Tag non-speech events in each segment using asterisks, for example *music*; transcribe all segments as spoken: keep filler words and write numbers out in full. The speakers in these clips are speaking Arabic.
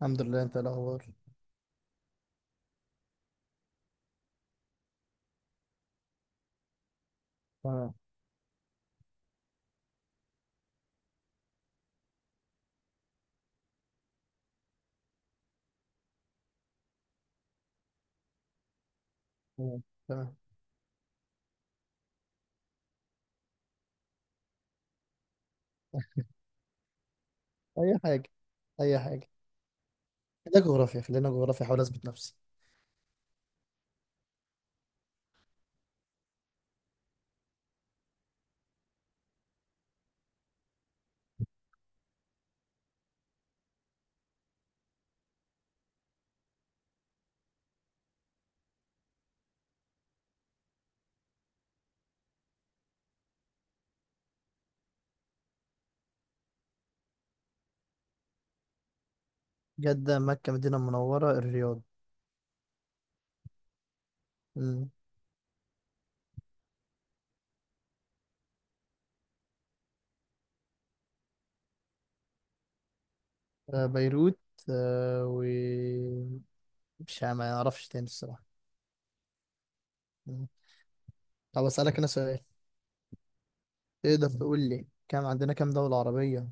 الحمد لله، انت إيه الاخبار؟ تمام، تمام، تمام. اي حاجه، اي حاجه. ده جغرافيا، خلينا جغرافيا احاول اثبت نفسي. جده، مكه، مدينه منوره، الرياض. مم. آه، بيروت. آه، و مش ع- ما اعرفش تاني، الصراحه. مم. طب، اسالك انا سؤال. تقدر تقول لي، كام عندنا كام دوله عربيه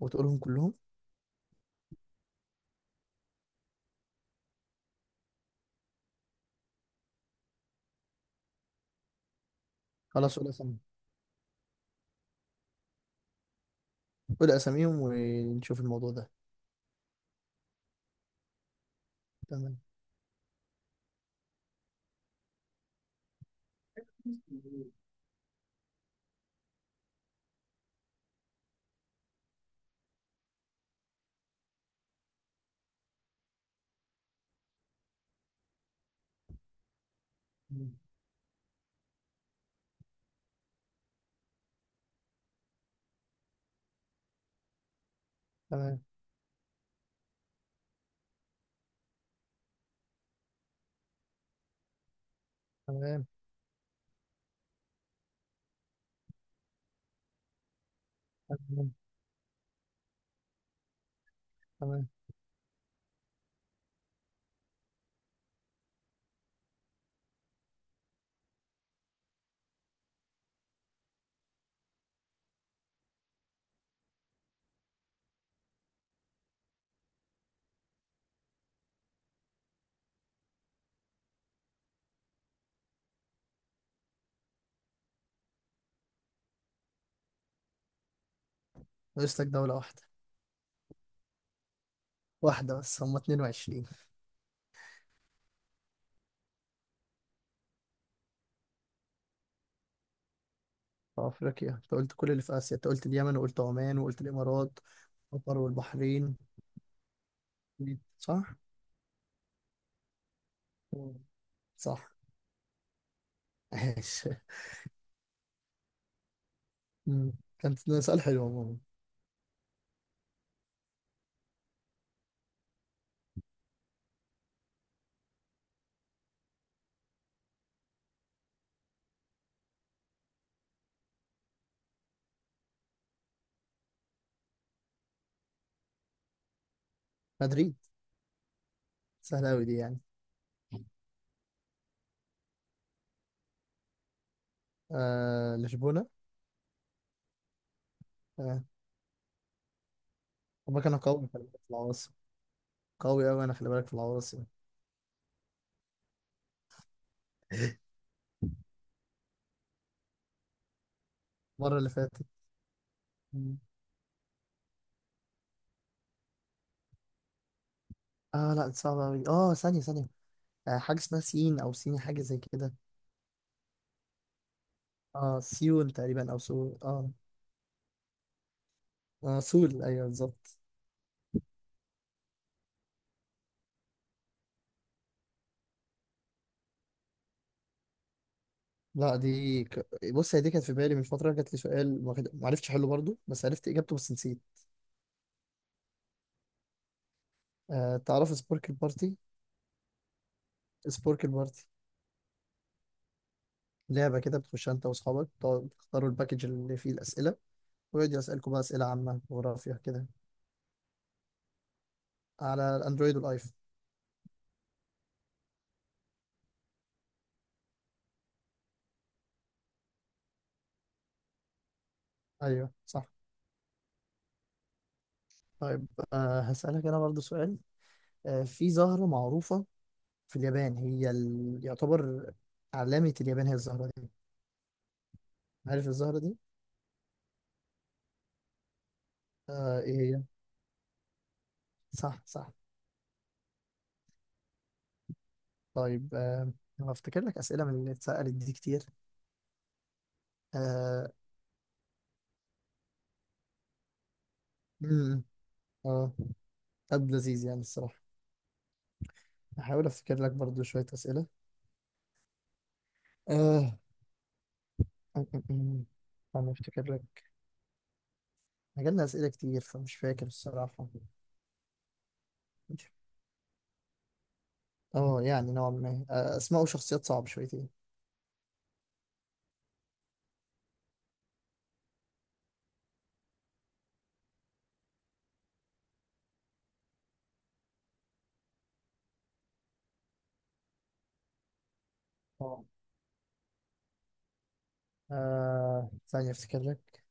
وتقولهم كلهم؟ خلاص، قول اسامي. قول اساميهم ونشوف الموضوع ده. تمام. مم. تمام، تمام، تمام، تمام. ناقص لك دوله واحده. واحده بس، هم اتنين وعشرين. في أفريقيا، أنت قلت كل اللي في آسيا، أنت قلت اليمن وقلت عمان وقلت الإمارات قطر والبحرين، صح؟ مم. صح. *laughs* ماشي. مم. كانت ده سؤال حلو عموما. مدريد. سهلة أوي دي، يعني. آه، لشبونة. آه. هما كانوا قوي، خلي بالك في العواصم. قوي أوي، أنا خلي بالك في العواصم. المرة اللي فاتت. مم. اه، لا دي صعبة أوي، اه، ثانية ثانية. آه، حاجة اسمها سين أو سيني، حاجة زي كده. اه، سيول تقريبا، أو سول، اه، آه، سول، أيوه بالظبط. لا دي ك... بص، هي دي كانت في بالي من فترة، جات لي سؤال ما ما عرفتش احله برضو، بس عرفت اجابته بس نسيت. أه، تعرف سبورك البارتي؟ سبورك البارتي. لعبة كده بتخشها انت واصحابك، تقعدوا تختاروا الباكج اللي فيه الأسئلة. ويقعد يسألكم بقى أسئلة عامة، جغرافيا كده. على الأندرويد والآيفون. أيوه، صح. طيب، أه، هسألك أنا برضو سؤال. أه، في زهرة معروفة في اليابان، هي ال... يعتبر علامة اليابان هي الزهرة دي. عارف الزهرة دي؟ آه، ايه هي؟ صح، صح. طيب، آه، انا افتكر لك اسئله من اللي اتسالت دي كتير. اه، مم، اه، طب لذيذ يعني الصراحه. هحاول افتكر لك برضو شويه اسئله. آه. م- م- م. انا افتكر لك. جالنا اسئله كتير، فمش فاكر الصراحه. اه، يعني نوعا ما، آه، اسماء وشخصيات صعب شويتين. اه، آه، ثانيه افتكر لك.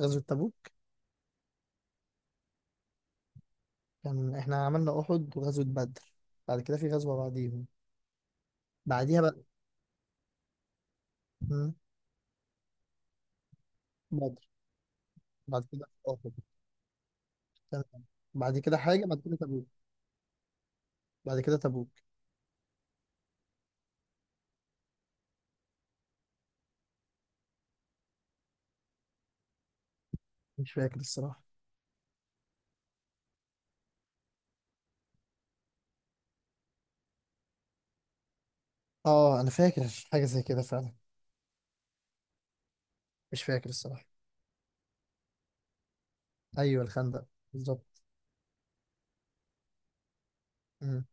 غزوه تبوك. كان احنا عملنا احد وغزوه بدر. بعد كده في غزوه بعديهم. بعديها بقى. مم، بدر. بعد كده احد. تمام. بعد كده حاجة، بعد كده تبوك. بعد كده تبوك. مش فاكر الصراحة. اه، انا فاكر حاجة زي كده فعلا. مش فاكر الصراحة. ايوه، الخندق. بالظبط. مم.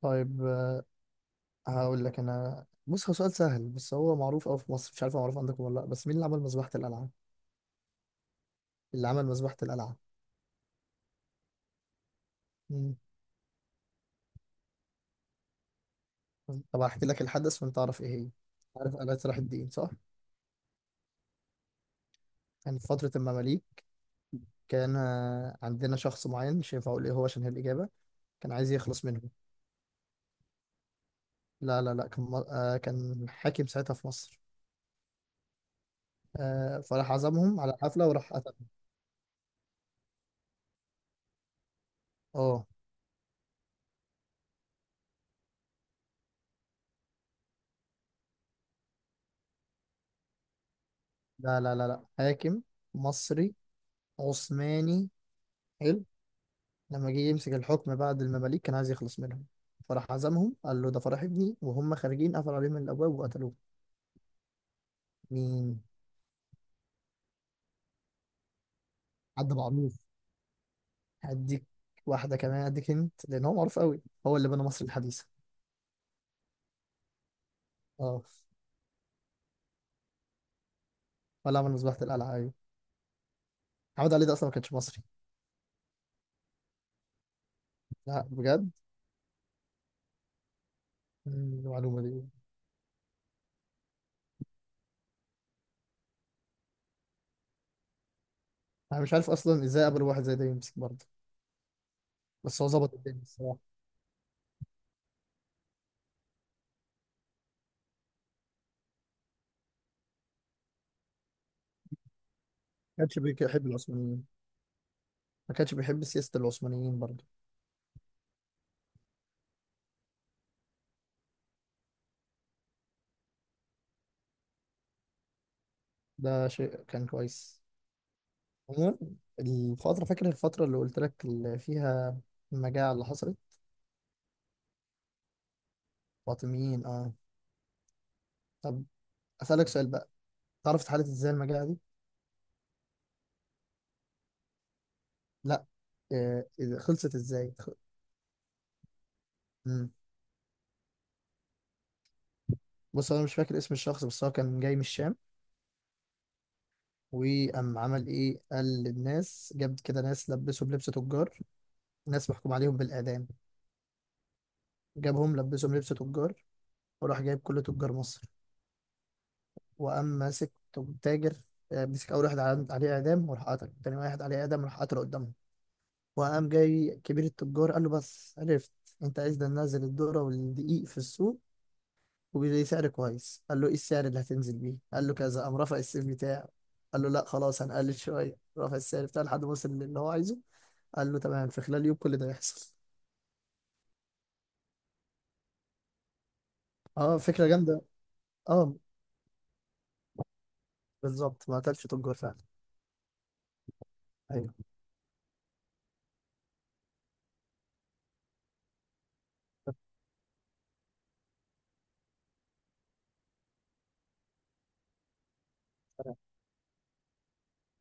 طيب، آه، هقول لك انا، بص هو سؤال سهل بس هو معروف قوي في مصر، مش عارف هو معروف عندكم ولا لا، بس مين اللي عمل مذبحة القلعة؟ اللي عمل مذبحة القلعة. مم. طب، هحكي لك الحدث وانت تعرف ايه هي. عارف قلعة صلاح الدين، صح؟ كان في فترة المماليك. كان آه، عندنا شخص معين، مش هينفع اقول ايه هو عشان هي الإجابة. كان عايز يخلص منهم. لا، لا، لا، كان مر- آه كان حاكم ساعتها في مصر. آه فراح عزمهم على حفلة وراح قتل. اه، لا، لا، لا، لا، حاكم مصري عثماني. حلو. لما جه يمسك الحكم بعد المماليك، كان عايز يخلص منهم. فراح عزمهم، قال له ده فرح ابني، وهم خارجين قفل عليهم الابواب وقتلوه. مين؟ حد بعميق. هديك. واحدة كمان هديك انت، لان هو معروف قوي. هو اللي بنى مصر الحديثة. اه. ولا عمل مذبحة القلعة، ايوه. محمد علي ده اصلا ما كانش مصري. لا، بجد؟ مم، المعلومة دي. انا مش عارف اصلا ازاي قبل واحد زي ده يمسك برضه. بس هو ظبط الدنيا، الصراحه. ما كانش بيحب العثمانيين. ما كانش بيحب سياسه العثمانيين برضه. ده شيء كان كويس. عموما، الفتره، فاكر الفتره اللي قلت لك اللي فيها المجاعه اللي حصلت؟ فاطميين، اه. طب، اسالك سؤال بقى. تعرف اتحلت ازاي المجاعه دي؟ لا. آه، إذا خلصت ازاي خ- مم. بص، انا مش فاكر اسم الشخص، بس هو كان جاي من الشام. وقام عمل ايه، قال للناس، جاب كده ناس لبسوا بلبس تجار. ناس محكوم عليهم بالاعدام. جابهم لبسهم لبس تجار. وراح جايب كل تجار مصر. وقام ماسك تج- تاجر. آه، مسك أول واحد عن- عليه إعدام، وراح قتله، تاني واحد عليه إعدام راح قتله قدامهم. وقام جاي كبير التجار، قال له بس عرفت، أنت عايز ده، ننزل الذرة والدقيق في السوق وبسعر كويس. قال له، إيه السعر اللي هتنزل بيه؟ قال له كذا. قام رفع السيف بتاعه. قال له لا خلاص، هنقلل شوية، رفع السعر بتاعه لحد ما وصل للي هو عايزه. قال له تمام، في خلال يوم كل ده يحصل. اه، فكرة جامدة. اه، بالظبط، ما قتلش تجار فعلا.